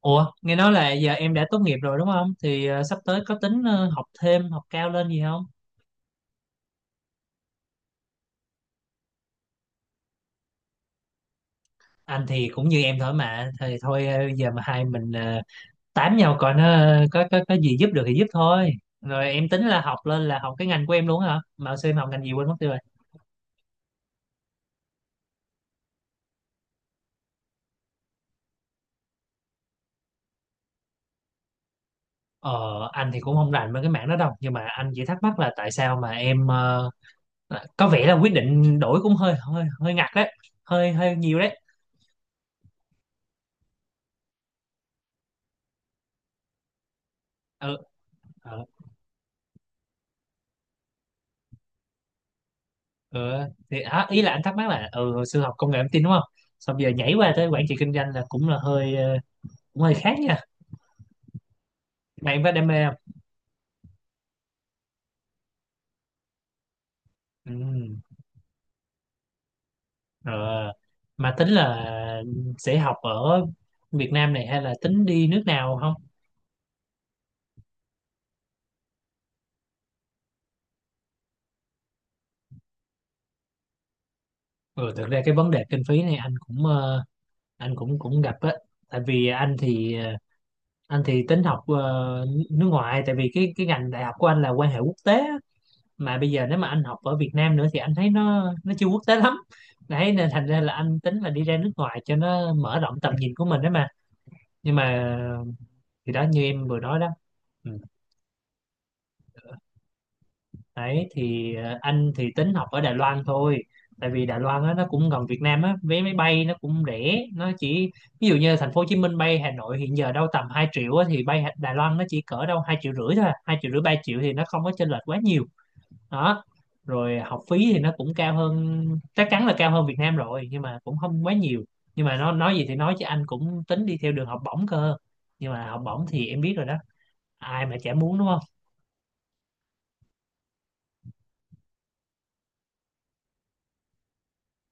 Ủa, nghe nói là giờ em đã tốt nghiệp rồi đúng không? Thì sắp tới có tính học thêm, học cao lên gì không? Anh thì cũng như em thôi mà, thì thôi giờ mà hai mình tám nhau coi nó có gì giúp được thì giúp thôi. Rồi em tính là học lên là học cái ngành của em luôn hả? Mà xem học ngành gì quên mất tiêu rồi. Ờ, anh thì cũng không rành với cái mảng đó đâu, nhưng mà anh chỉ thắc mắc là tại sao mà em có vẻ là quyết định đổi cũng hơi hơi hơi ngặt đấy, hơi hơi nhiều đấy. Ừ, ờ. ừ, thì hả, ý là anh thắc mắc là ừ hồi xưa học công nghệ thông tin đúng không xong giờ nhảy qua tới quản trị kinh doanh là cũng là hơi cũng hơi khác nha mà em có đam mê không. ừ. ờ, mà tính là sẽ học ở Việt Nam này hay là tính đi nước nào không. Ừ, thực ra cái vấn đề kinh phí này anh cũng anh cũng cũng gặp á tại vì anh thì anh thì tính học nước ngoài tại vì cái ngành đại học của anh là quan hệ quốc tế á. Mà bây giờ nếu mà anh học ở Việt Nam nữa thì anh thấy nó chưa quốc tế lắm đấy, nên thành ra là anh tính là đi ra nước ngoài cho nó mở rộng tầm nhìn của mình đấy mà, nhưng mà thì đó như em vừa nói đó. ừ. Đấy thì anh thì tính học ở Đài Loan thôi, tại vì Đài Loan á, nó cũng gần Việt Nam á, vé máy bay nó cũng rẻ, nó chỉ ví dụ như thành phố Hồ Chí Minh bay Hà Nội hiện giờ đâu tầm 2 triệu á, thì bay Đài Loan nó chỉ cỡ đâu 2,5 triệu thôi à. 2,5 triệu 3 triệu thì nó không có chênh lệch quá nhiều đó. Rồi học phí thì nó cũng cao hơn, chắc chắn là cao hơn Việt Nam rồi, nhưng mà cũng không quá nhiều. Nhưng mà nó nói gì thì nói chứ anh cũng tính đi theo đường học bổng cơ, nhưng mà học bổng thì em biết rồi đó, ai mà chả muốn đúng không.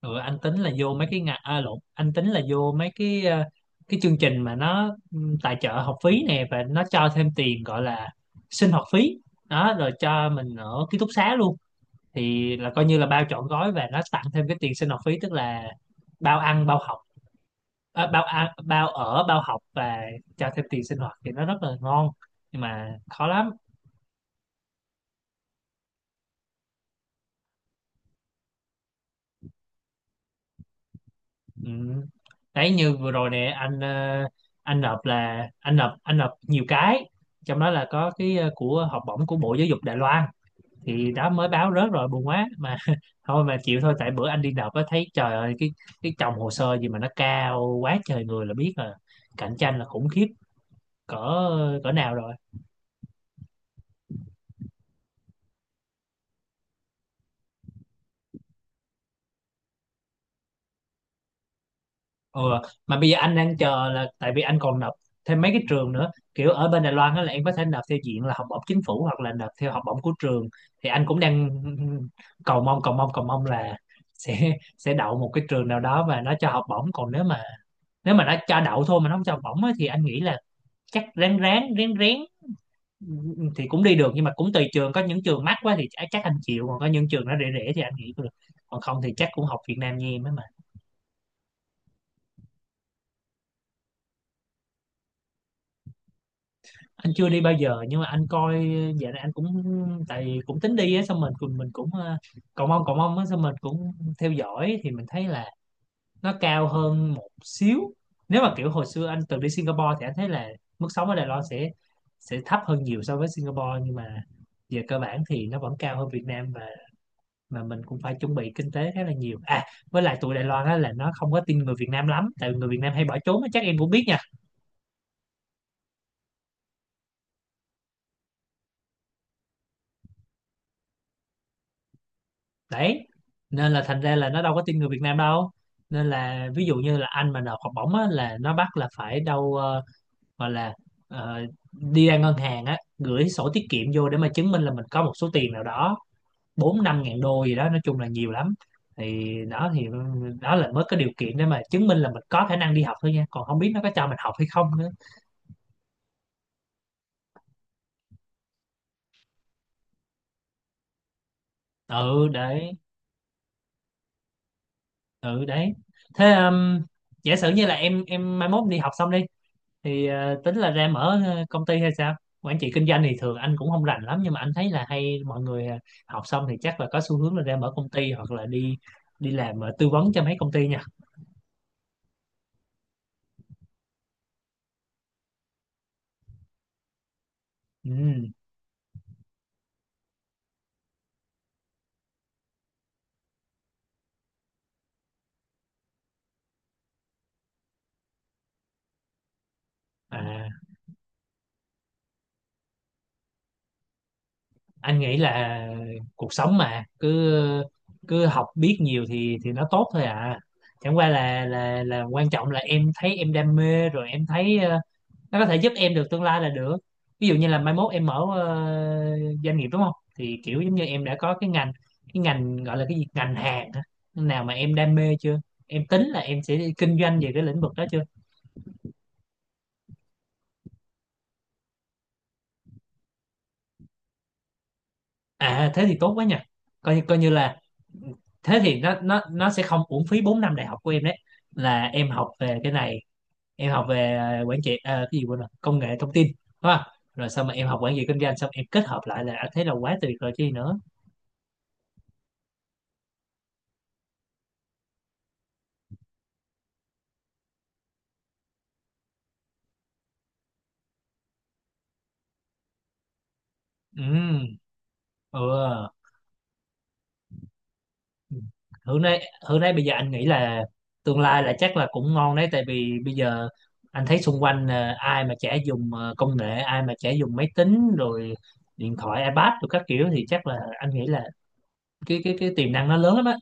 Ừ, anh tính là vô mấy cái lộn anh tính là vô mấy cái cái chương trình mà nó tài trợ học phí nè, và nó cho thêm tiền gọi là sinh hoạt phí đó, rồi cho mình ở ký túc xá luôn, thì là coi như là bao trọn gói, và nó tặng thêm cái tiền sinh hoạt phí, tức là bao ăn bao học, bao ăn bao ở bao học, và cho thêm tiền sinh hoạt thì nó rất là ngon, nhưng mà khó lắm. ừ. Đấy như vừa rồi nè anh anh nộp là anh nộp nhiều cái, trong đó là có cái của học bổng của Bộ Giáo dục Đài Loan, thì đó mới báo rớt rồi buồn quá mà thôi mà chịu thôi, tại bữa anh đi nộp á thấy trời ơi cái chồng hồ sơ gì mà nó cao quá trời người là biết là cạnh tranh là khủng khiếp cỡ cỡ nào rồi. Ừ. Mà bây giờ anh đang chờ là tại vì anh còn nộp thêm mấy cái trường nữa, kiểu ở bên Đài Loan á là em có thể nộp theo diện là học bổng chính phủ hoặc là nộp theo học bổng của trường, thì anh cũng đang cầu mong là sẽ sẽ đậu một cái trường nào đó và nó cho học bổng. Còn nếu mà nó cho đậu thôi mà nó không cho học bổng á, thì anh nghĩ là chắc ráng ráng rén rén thì cũng đi được, nhưng mà cũng tùy trường, có những trường mắc quá thì chắc anh chịu, còn có những trường nó rẻ rẻ thì anh nghĩ cũng được, còn không thì chắc cũng học Việt Nam như em ấy mà. Anh chưa đi bao giờ nhưng mà anh coi dạo này anh cũng tại vì cũng tính đi á xong mình cũng cầu mong á xong mình cũng theo dõi thì mình thấy là nó cao hơn một xíu. Nếu mà kiểu hồi xưa anh từng đi Singapore thì anh thấy là mức sống ở Đài Loan sẽ thấp hơn nhiều so với Singapore, nhưng mà về cơ bản thì nó vẫn cao hơn Việt Nam, và mà mình cũng phải chuẩn bị kinh tế khá là nhiều à. Với lại tụi Đài Loan á là nó không có tin người Việt Nam lắm, tại vì người Việt Nam hay bỏ trốn á, chắc em cũng biết nhỉ. Đấy nên là thành ra là nó đâu có tin người Việt Nam đâu, nên là ví dụ như là anh mà nộp học bổng á, là nó bắt là phải đâu gọi là ờ, đi ra ngân hàng á gửi sổ tiết kiệm vô để mà chứng minh là mình có một số tiền nào đó, 4-5 ngàn đô gì đó, nói chung là nhiều lắm. Thì đó thì ừ, đó là mới có điều kiện để mà chứng minh là mình có khả năng đi học thôi nha, còn không biết nó có cho mình học hay không nữa. Ừ đấy. Ừ đấy, thế giả sử như là em mai mốt đi học xong đi thì tính là ra mở công ty hay sao, quản trị kinh doanh thì thường anh cũng không rành lắm, nhưng mà anh thấy là hay mọi người học xong thì chắc là có xu hướng là ra mở công ty, hoặc là đi đi làm tư vấn cho mấy công ty nha. ừ. à, anh nghĩ là cuộc sống mà cứ cứ học biết nhiều thì nó tốt thôi à, chẳng qua là là quan trọng là em thấy em đam mê rồi em thấy nó có thể giúp em được tương lai là được. Ví dụ như là mai mốt em mở doanh nghiệp đúng không, thì kiểu giống như em đã có cái ngành, cái ngành gọi là cái gì, ngành hàng hả? Nào mà em đam mê chưa, em tính là em sẽ đi kinh doanh về cái lĩnh vực đó chưa. À thế thì tốt quá nhỉ, coi như là thế thì nó sẽ không uổng phí 4 năm đại học của em đấy, là em học về cái này. Em học về quản trị cái gì quên rồi, công nghệ thông tin, đúng không, rồi xong mà em học quản trị kinh doanh xong em kết hợp lại là à, thế là quá tuyệt rồi chứ gì nữa. ừ ừ Hưởng đấy, Hưởng đấy, bây giờ anh nghĩ là tương lai là chắc là cũng ngon đấy, tại vì bây giờ anh thấy xung quanh là ai mà chả dùng công nghệ, ai mà chả dùng máy tính rồi điện thoại iPad rồi các kiểu, thì chắc là anh nghĩ là cái tiềm năng nó lớn lắm á.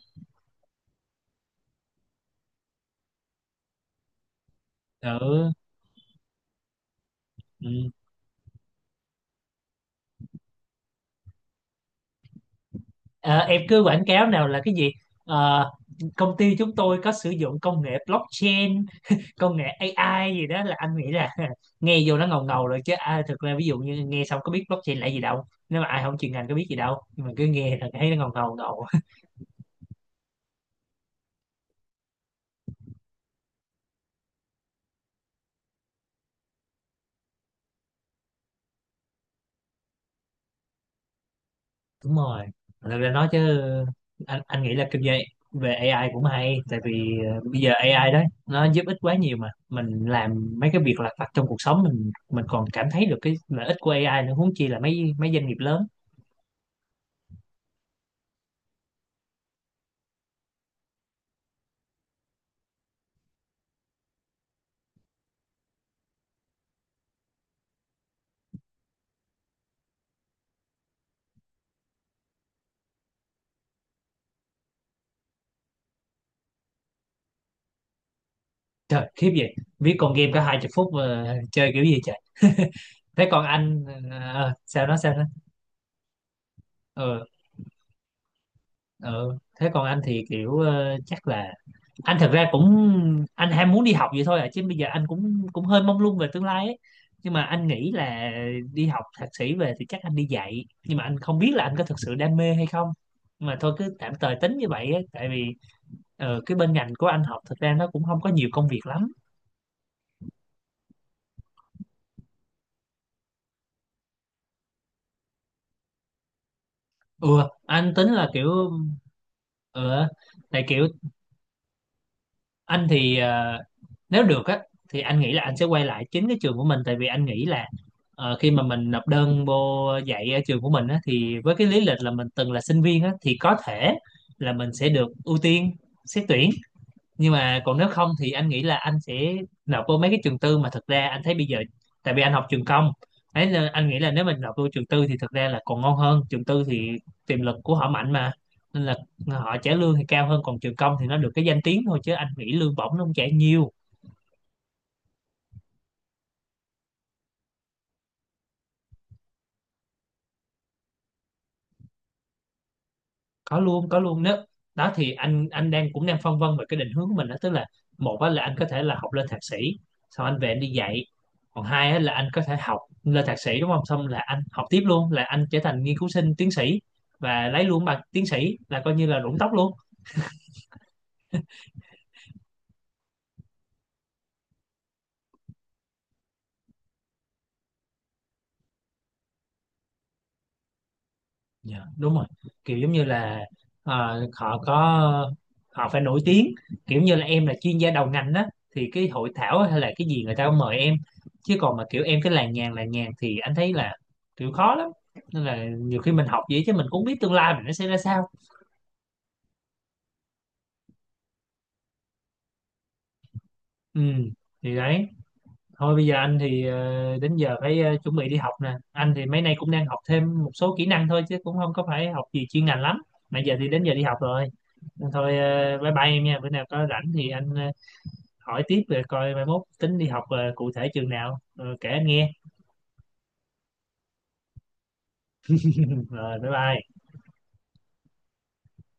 ừ. ừ. Ờ, em cứ quảng cáo nào là cái gì, Ờ, công ty chúng tôi có sử dụng công nghệ blockchain, công nghệ AI gì đó, là anh nghĩ là nghe vô nó ngầu ngầu rồi chứ à, thực ra ví dụ như nghe xong có biết blockchain là gì đâu, nếu mà ai không chuyên ngành có biết gì đâu, nhưng mà cứ nghe là thấy nó ngầu ngầu ngầu. Đúng rồi, thực ra nói chứ anh nghĩ là kinh doanh về AI cũng hay, tại vì bây giờ AI đó nó giúp ích quá nhiều, mà mình làm mấy cái việc lặt vặt trong cuộc sống mình còn cảm thấy được cái lợi ích của AI nữa, huống chi là mấy mấy doanh nghiệp lớn. Trời khiếp vậy, viết con game có 20 phút mà chơi kiểu gì trời. Thế còn anh sao nó ờ ờ thế còn anh thì kiểu chắc là anh thật ra cũng anh ham muốn đi học vậy thôi à, chứ bây giờ anh cũng cũng hơi mông lung về tương lai ấy, nhưng mà anh nghĩ là đi học thạc sĩ về thì chắc anh đi dạy, nhưng mà anh không biết là anh có thực sự đam mê hay không, mà thôi cứ tạm thời tính như vậy ấy, tại vì cái bên ngành của anh học thật ra nó cũng không có nhiều công việc lắm. Ừ anh tính là kiểu ờ tại kiểu anh thì nếu được á thì anh nghĩ là anh sẽ quay lại chính cái trường của mình, tại vì anh nghĩ là khi mà mình nộp đơn vô dạy ở trường của mình á thì với cái lý lịch là mình từng là sinh viên á thì có thể là mình sẽ được ưu tiên xét tuyển, nhưng mà còn nếu không thì anh nghĩ là anh sẽ nộp vô mấy cái trường tư, mà thực ra anh thấy bây giờ tại vì anh học trường công ấy, nên anh nghĩ là nếu mình nộp vô trường tư thì thực ra là còn ngon hơn, trường tư thì tiềm lực của họ mạnh mà, nên là họ trả lương thì cao hơn, còn trường công thì nó được cái danh tiếng thôi chứ anh nghĩ lương bổng nó không trả nhiều. Có luôn, nếu đó thì anh đang cũng đang phân vân về cái định hướng của mình đó, tức là một á là anh có thể là học lên thạc sĩ xong anh về anh đi dạy, còn hai á là anh có thể học lên thạc sĩ đúng không, xong là anh học tiếp luôn là anh trở thành nghiên cứu sinh tiến sĩ và lấy luôn bằng tiến sĩ là coi như là rụng tóc luôn. Dạ, đúng rồi. Kiểu giống như là họ có họ phải nổi tiếng, kiểu như là em là chuyên gia đầu ngành đó, thì cái hội thảo hay là cái gì người ta cũng mời em. Chứ còn mà kiểu em cái làng nhàng thì anh thấy là kiểu khó lắm. Nên là nhiều khi mình học vậy chứ mình cũng không biết tương lai mình nó sẽ ra sao. Ừ, thì đấy. Thôi bây giờ anh thì đến giờ phải chuẩn bị đi học nè. Anh thì mấy nay cũng đang học thêm một số kỹ năng thôi chứ cũng không có phải học gì chuyên ngành lắm. Mà giờ thì đến giờ đi học rồi. Thôi bye bye em nha. Bữa nào có rảnh thì anh hỏi tiếp về coi mai mốt tính đi học cụ thể trường nào. Ờ, kể anh nghe. Rồi bye bye.